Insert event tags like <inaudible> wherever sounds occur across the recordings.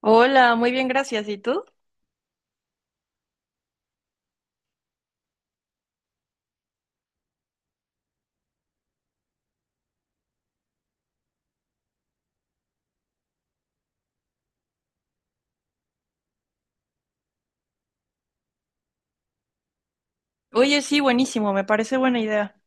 Hola, muy bien, gracias. ¿Y tú? Oye, sí, buenísimo, me parece buena idea.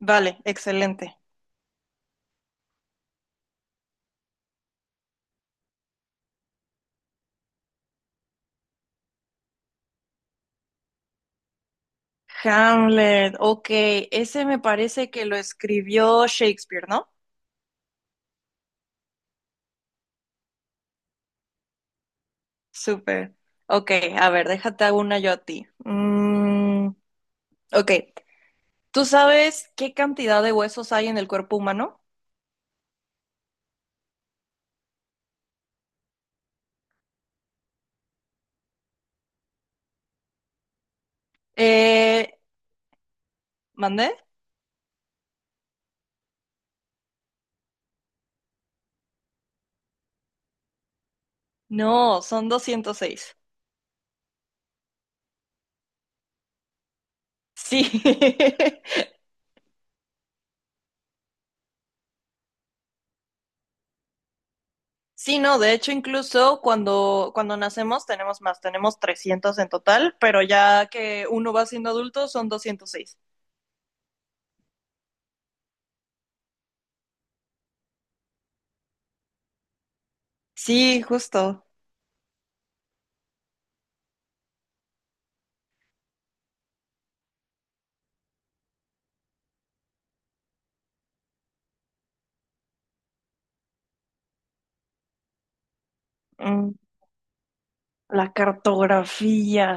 Vale, excelente. Hamlet, ok, ese me parece que lo escribió Shakespeare, ¿no? Súper. Ok, a ver, déjate hago una yo a ti. Ok, ¿tú sabes qué cantidad de huesos hay en el cuerpo humano? Eh, ¿Mandé? No, son 206. Sí. <laughs> Sí, no, de hecho incluso cuando nacemos tenemos más, tenemos 300 en total, pero ya que uno va siendo adulto son 206. Sí, justo. Mm, la cartografía.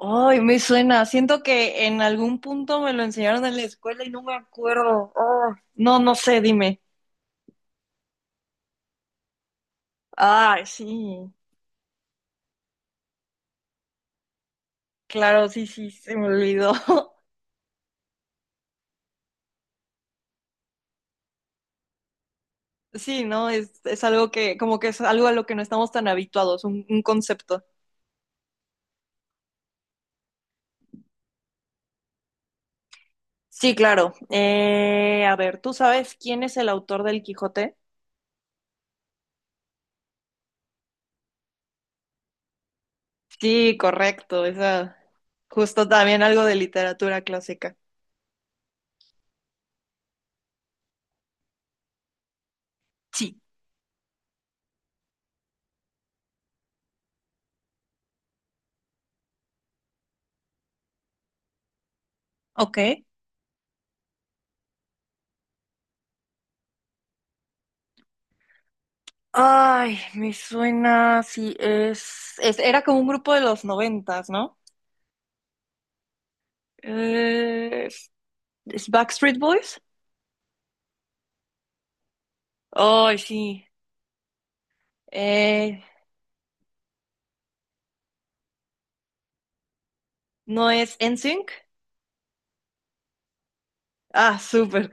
Ay, me suena. Siento que en algún punto me lo enseñaron en la escuela y no me acuerdo. Oh, no, no sé, dime. Ay, sí. Claro, sí, sí, se me olvidó. <laughs> Sí, no, es algo que, como que es algo a lo que no estamos tan habituados, un concepto. Sí, claro. A ver, ¿tú sabes quién es el autor del Quijote? Sí, correcto. Esa, justo también algo de literatura clásica. Sí. Ok. Ay, me suena, sí, es, era como un grupo de los noventas, ¿no? Eh, ¿es es Backstreet Boys? Ay, sí. Eh, ¿No es N Sync. Ah, súper.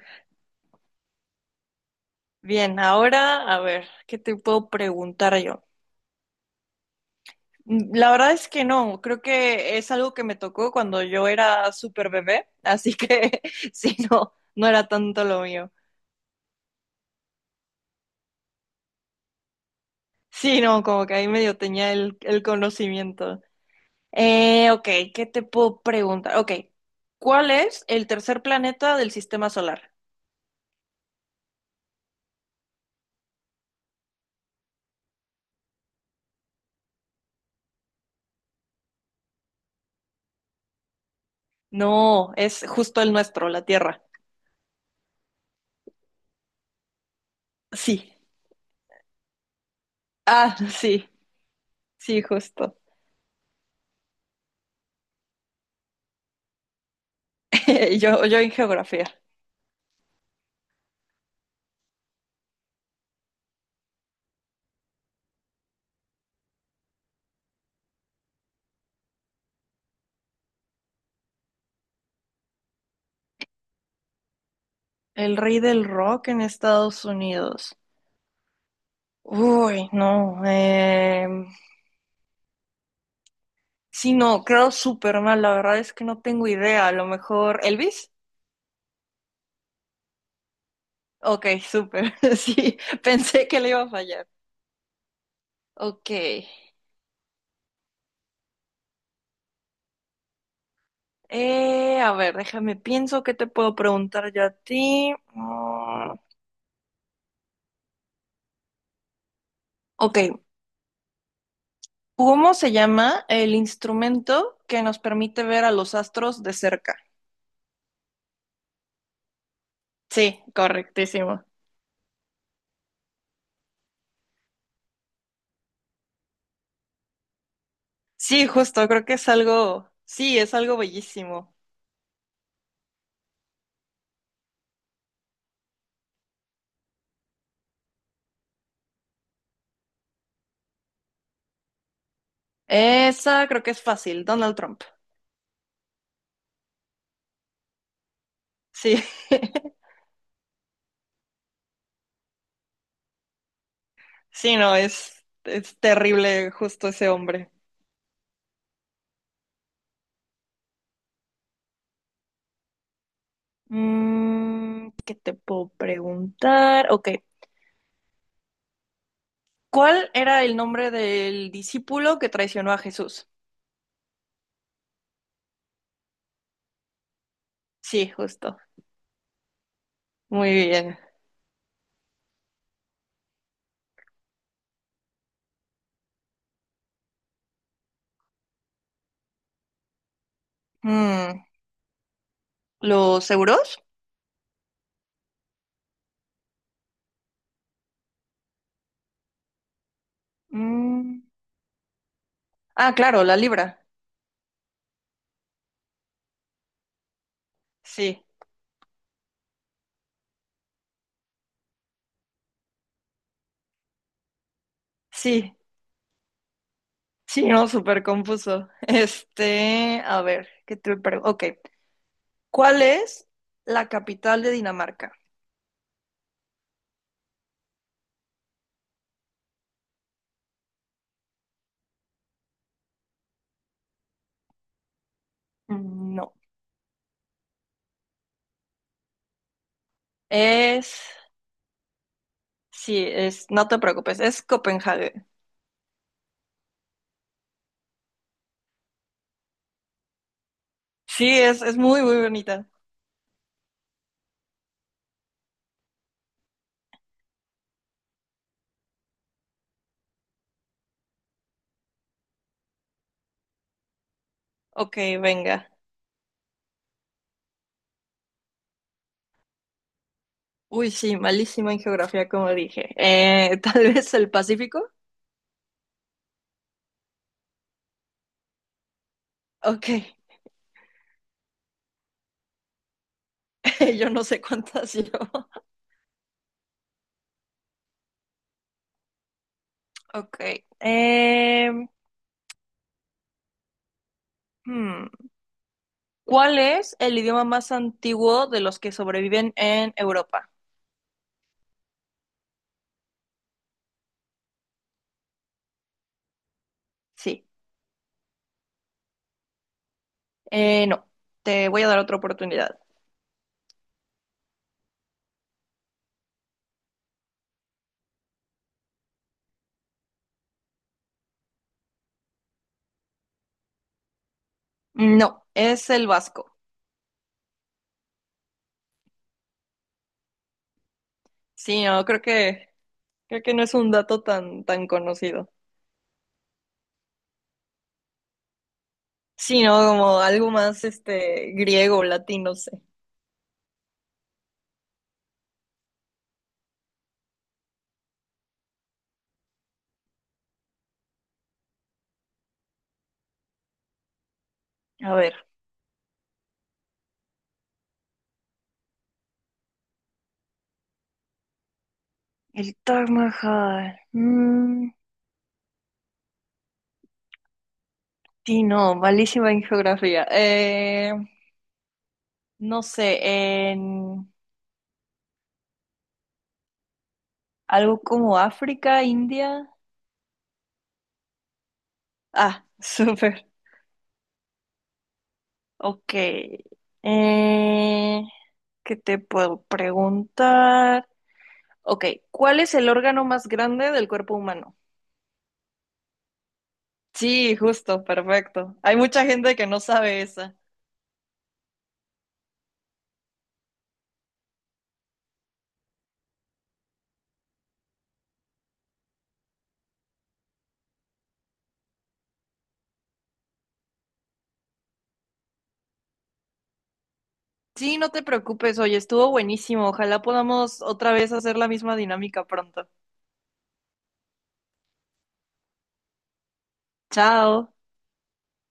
Bien, ahora, a ver, ¿qué te puedo preguntar yo? La verdad es que no, creo que es algo que me tocó cuando yo era súper bebé, así que <laughs> sí, no, no era tanto lo mío. Sí, no, como que ahí medio tenía el conocimiento. Ok, ¿qué te puedo preguntar? Ok, ¿cuál es el tercer planeta del sistema solar? No, es justo el nuestro, la Tierra. Sí. Ah, <laughs> sí, sí, justo. <laughs> Yo en geografía. El rey del rock en Estados Unidos. Uy, no. Sí, no, creo súper mal. La verdad es que no tengo idea. A lo mejor. ¿Elvis? Ok, súper. <laughs> Sí, pensé que le iba a fallar. Ok. A ver, déjame, pienso que te puedo preguntar yo a ti. Ok, ¿cómo se llama el instrumento que nos permite ver a los astros de cerca? Sí, correctísimo. Sí, justo, creo que es algo, sí, es algo bellísimo. Esa creo que es fácil, Donald Trump. Sí, <laughs> sí, no, es terrible justo ese hombre. ¿Qué te puedo preguntar? Ok, ¿cuál era el nombre del discípulo que traicionó a Jesús? Sí, justo. Muy bien. Mm, ¿Los euros? Mm, ah, claro, la libra. Sí, sí, sí, no, súper confuso. <laughs> Este, a ver, ¿qué te pregunto? Ok, ¿cuál es la capital de Dinamarca? Mm, no, es sí, es, no te preocupes, es Copenhague. Sí, es muy, muy bonita. Ok, venga. Uy, sí, malísima en geografía, como dije. <laughs> Tal vez el Pacífico. Ok, <laughs> yo no sé cuántas yo. Ok. em, hmm, ¿cuál es el idioma más antiguo de los que sobreviven en Europa? Sí. No, te voy a dar otra oportunidad. No, es el vasco. Sí, no, creo que no es un dato tan, tan conocido. Sí, ¿no? Como algo más este griego, latino, no sé. A ver, el Taj Mahal. Sí, no, malísima en geografía. No sé, en algo como África, India. Ah, <laughs> súper. Ok. Eh, ¿Qué te puedo preguntar? Ok, ¿cuál es el órgano más grande del cuerpo humano? Sí, justo, perfecto. Hay mucha gente que no sabe esa. Sí, no te preocupes, oye, estuvo buenísimo. Ojalá podamos otra vez hacer la misma dinámica pronto. Chao.